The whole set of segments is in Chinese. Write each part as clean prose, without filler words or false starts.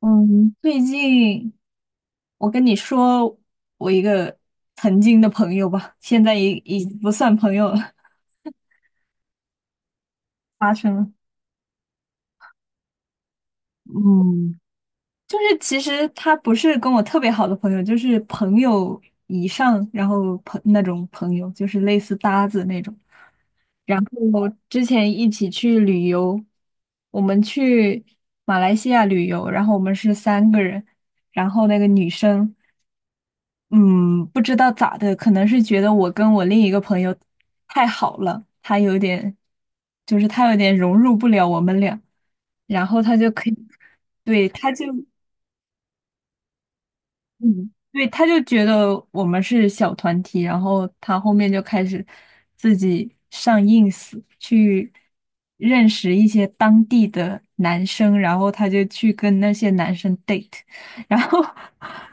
嗯，最近我跟你说，我一个曾经的朋友吧，现在已不算朋友了，发生了。嗯，就是其实他不是跟我特别好的朋友，就是朋友以上，然后那种朋友，就是类似搭子那种。然后之前一起去旅游，我们去马来西亚旅游，然后我们是三个人，然后那个女生。嗯，不知道咋的，可能是觉得我跟我另一个朋友太好了，他有点，就是他有点融入不了我们俩，然后他就可以，对，他就，嗯，对，他就觉得我们是小团体，然后他后面就开始自己上 ins 去认识一些当地的男生，然后他就去跟那些男生 date,然后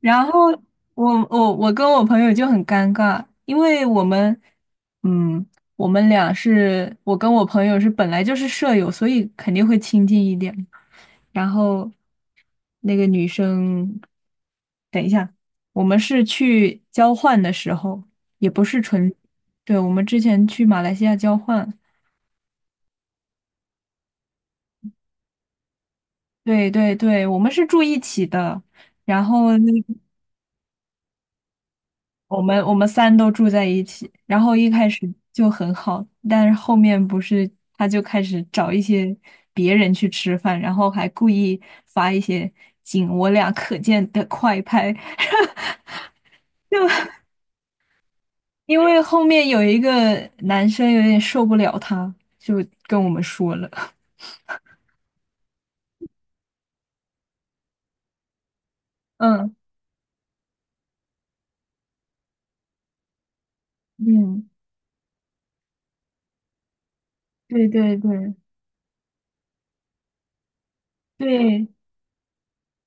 然后我跟我朋友就很尴尬，因为我们，嗯，我们俩是我跟我朋友是本来就是舍友，所以肯定会亲近一点。然后那个女生，等一下，我们是去交换的时候，也不是纯，对，我们之前去马来西亚交换，对对对，我们是住一起的。然后那我们三都住在一起，然后一开始就很好，但是后面不是他就开始找一些别人去吃饭，然后还故意发一些仅我俩可见的快拍，就因为后面有一个男生有点受不了他，就跟我们说了，嗯嗯，对对对对，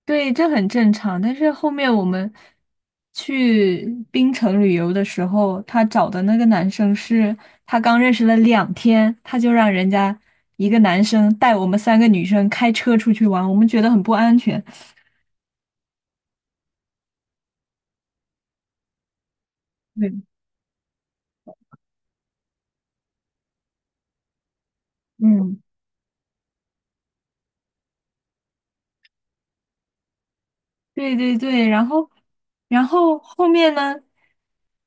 对，这很正常。但是后面我们去槟城旅游的时候，他找的那个男生是他刚认识了两天，他就让人家一个男生带我们三个女生开车出去玩，我们觉得很不安全。对，嗯。对对对，然后，然后后面呢，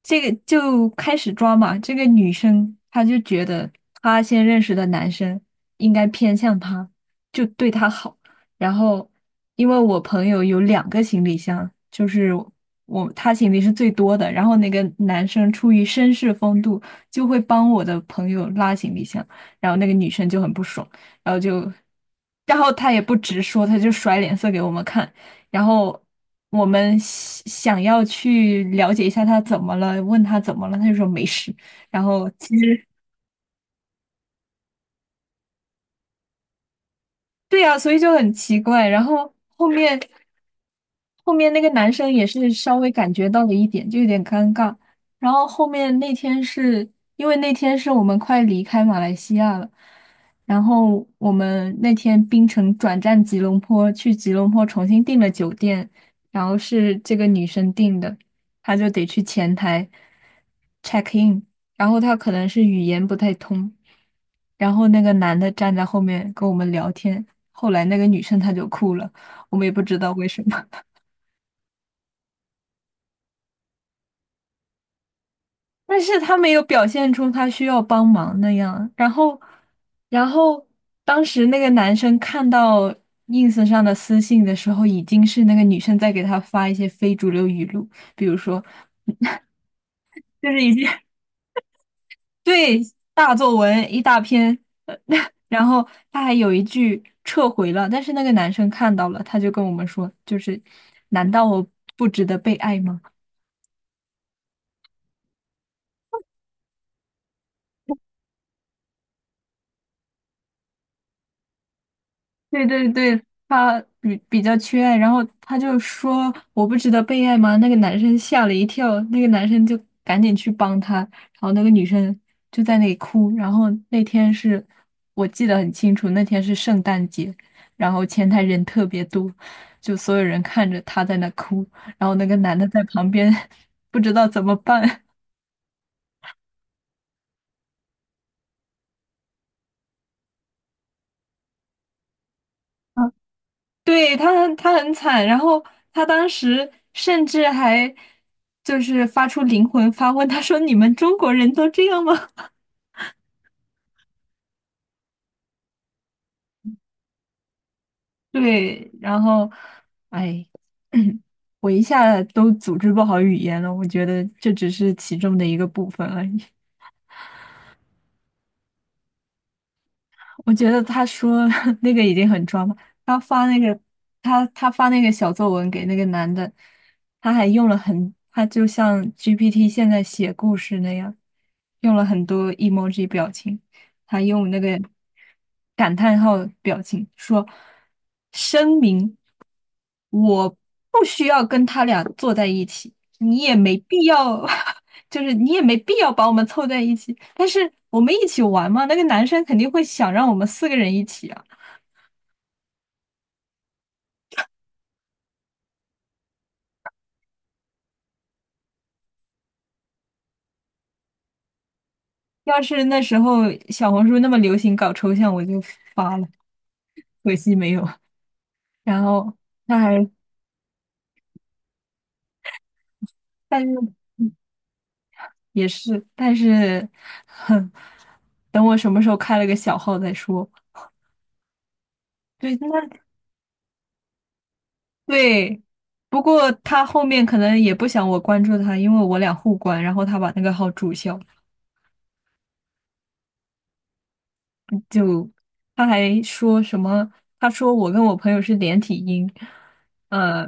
这个就开始抓嘛。这个女生她就觉得她先认识的男生应该偏向她，就对她好。然后，因为我朋友有两个行李箱，就是他行李是最多的。然后那个男生出于绅士风度，就会帮我的朋友拉行李箱，然后那个女生就很不爽，然后就，然后她也不直说，她就甩脸色给我们看。然后我们想要去了解一下他怎么了，问他怎么了，他就说没事。然后其实对呀，所以就很奇怪。然后后面那个男生也是稍微感觉到了一点，就有点尴尬。然后后面那天是因为那天是我们快离开马来西亚了，然后我们那天槟城转战吉隆坡，去吉隆坡重新订了酒店，然后是这个女生订的，她就得去前台 check in。然后他可能是语言不太通，然后那个男的站在后面跟我们聊天，后来那个女生她就哭了，我们也不知道为什么，但是他没有表现出他需要帮忙那样，然后，然后当时那个男生看到 ins 上的私信的时候，已经是那个女生在给他发一些非主流语录，比如说，就是已经。对，大作文一大篇，呃 然后他还有一句撤回了，但是那个男生看到了，他就跟我们说，就是难道我不值得被爱吗？对对对，他比较缺爱，然后他就说我不值得被爱吗？那个男生吓了一跳，那个男生就赶紧去帮他，然后那个女生就在那里哭。然后那天是我记得很清楚，那天是圣诞节，然后前台人特别多，就所有人看着他在那哭，然后那个男的在旁边 不知道怎么办。对，他很惨，然后他当时甚至还就是发出灵魂发问，他说："你们中国人都这样吗？" 对，然后哎，我一下都组织不好语言了，我觉得这只是其中的一个部分而已。我觉得他说 那个已经很装了。他发那个，他发那个小作文给那个男的，他还用了很，他就像 GPT 现在写故事那样，用了很多 emoji 表情，他用那个感叹号表情说："声明，我不需要跟他俩坐在一起，你也没必要 就是你也没必要把我们凑在一起，但是我们一起玩嘛，那个男生肯定会想让我们四个人一起啊。要是那时候小红书那么流行搞抽象，我就发了，可惜没有。然后他还，但是嗯也是，但是，哼，等我什么时候开了个小号再说。对，那对，不过他后面可能也不想我关注他，因为我俩互关，然后他把那个号注销。他还说什么？他说我跟我朋友是连体婴，呃，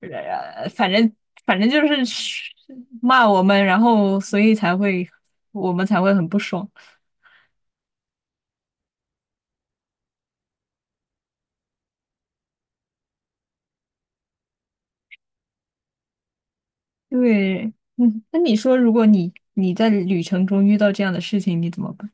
呃反正反正就是骂我们，然后所以才会我们才会很不爽。对，嗯，那你说，如果你在旅程中遇到这样的事情，你怎么办？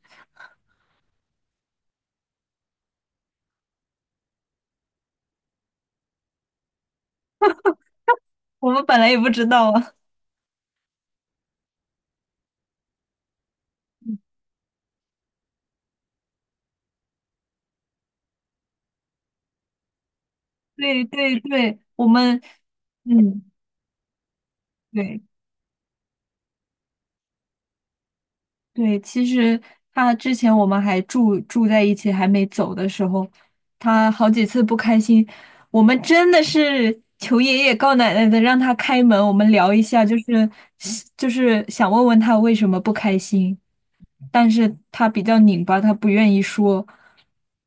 我们本来也不知道啊。对对对，我们，嗯，对。对，其实他之前我们还住在一起，还没走的时候，他好几次不开心，我们真的是求爷爷告奶奶的让他开门，我们聊一下，就是想问问他为什么不开心，但是他比较拧巴，他不愿意说，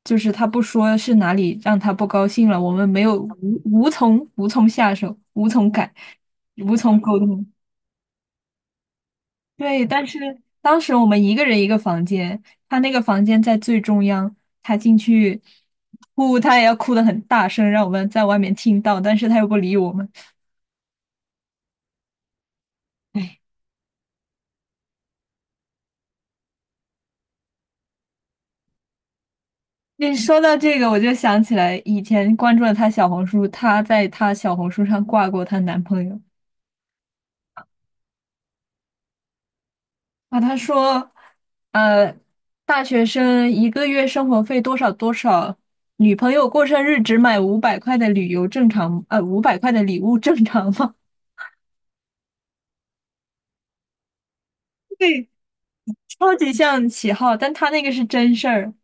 就是他不说是哪里让他不高兴了，我们没有无从下手，无从改，无从沟通。对，但是当时我们一个人一个房间，他那个房间在最中央，他进去哭，他也要哭得很大声，让我们在外面听到，但是他又不理我们。你说到这个，我就想起来以前关注了她小红书，她在她小红书上挂过她男朋友啊，她说，呃，大学生一个月生活费多少多少，女朋友过生日只买五百块的旅游正常，呃，五百块的礼物正常吗？对，超级像起号，但他那个是真事儿，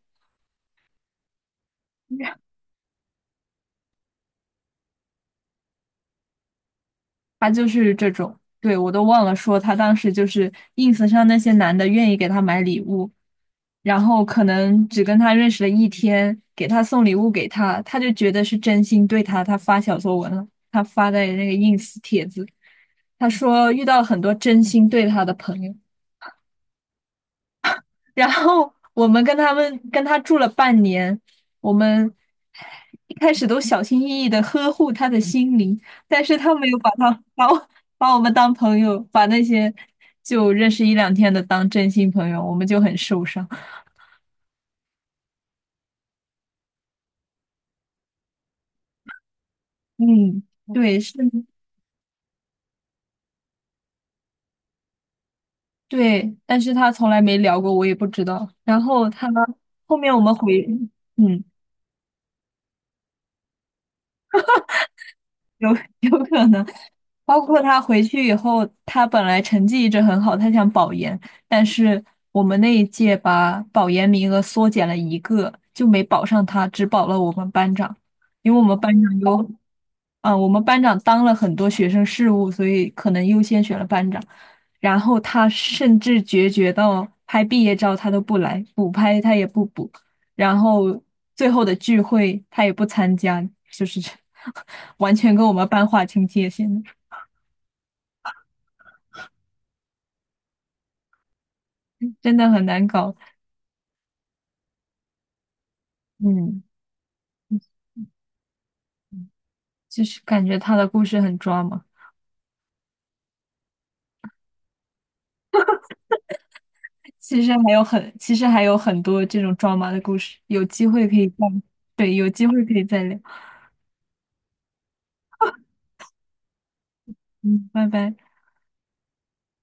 他就是这种。对，我都忘了说，他当时就是 ins 上那些男的愿意给他买礼物，然后可能只跟他认识了一天，给他送礼物给他，他就觉得是真心对他，他发小作文了，他发在那个 ins 帖子，他说遇到很多真心对他的朋友。然后我们跟他住了半年，我们一开始都小心翼翼的呵护他的心灵，但是他没有把把我们当朋友，把那些就认识一两天的当真心朋友，我们就很受伤。嗯，对，是，对，但是他从来没聊过，我也不知道。然后他后面我们回，嗯，有有可能。包括他回去以后，他本来成绩一直很好，他想保研，但是我们那一届把保研名额缩减了一个，就没保上他，只保了我们班长，因为我们班长有，啊、我们班长当了很多学生事务，所以可能优先选了班长。然后他甚至决绝到拍毕业照他都不来，补拍他也不补，然后最后的聚会他也不参加，就是这 完全跟我们班划清界限。真的很难搞。嗯，就是感觉他的故事很抓马。其实还有很多这种抓马的故事，有机会可以再，对，有机会可以再聊。嗯，拜拜。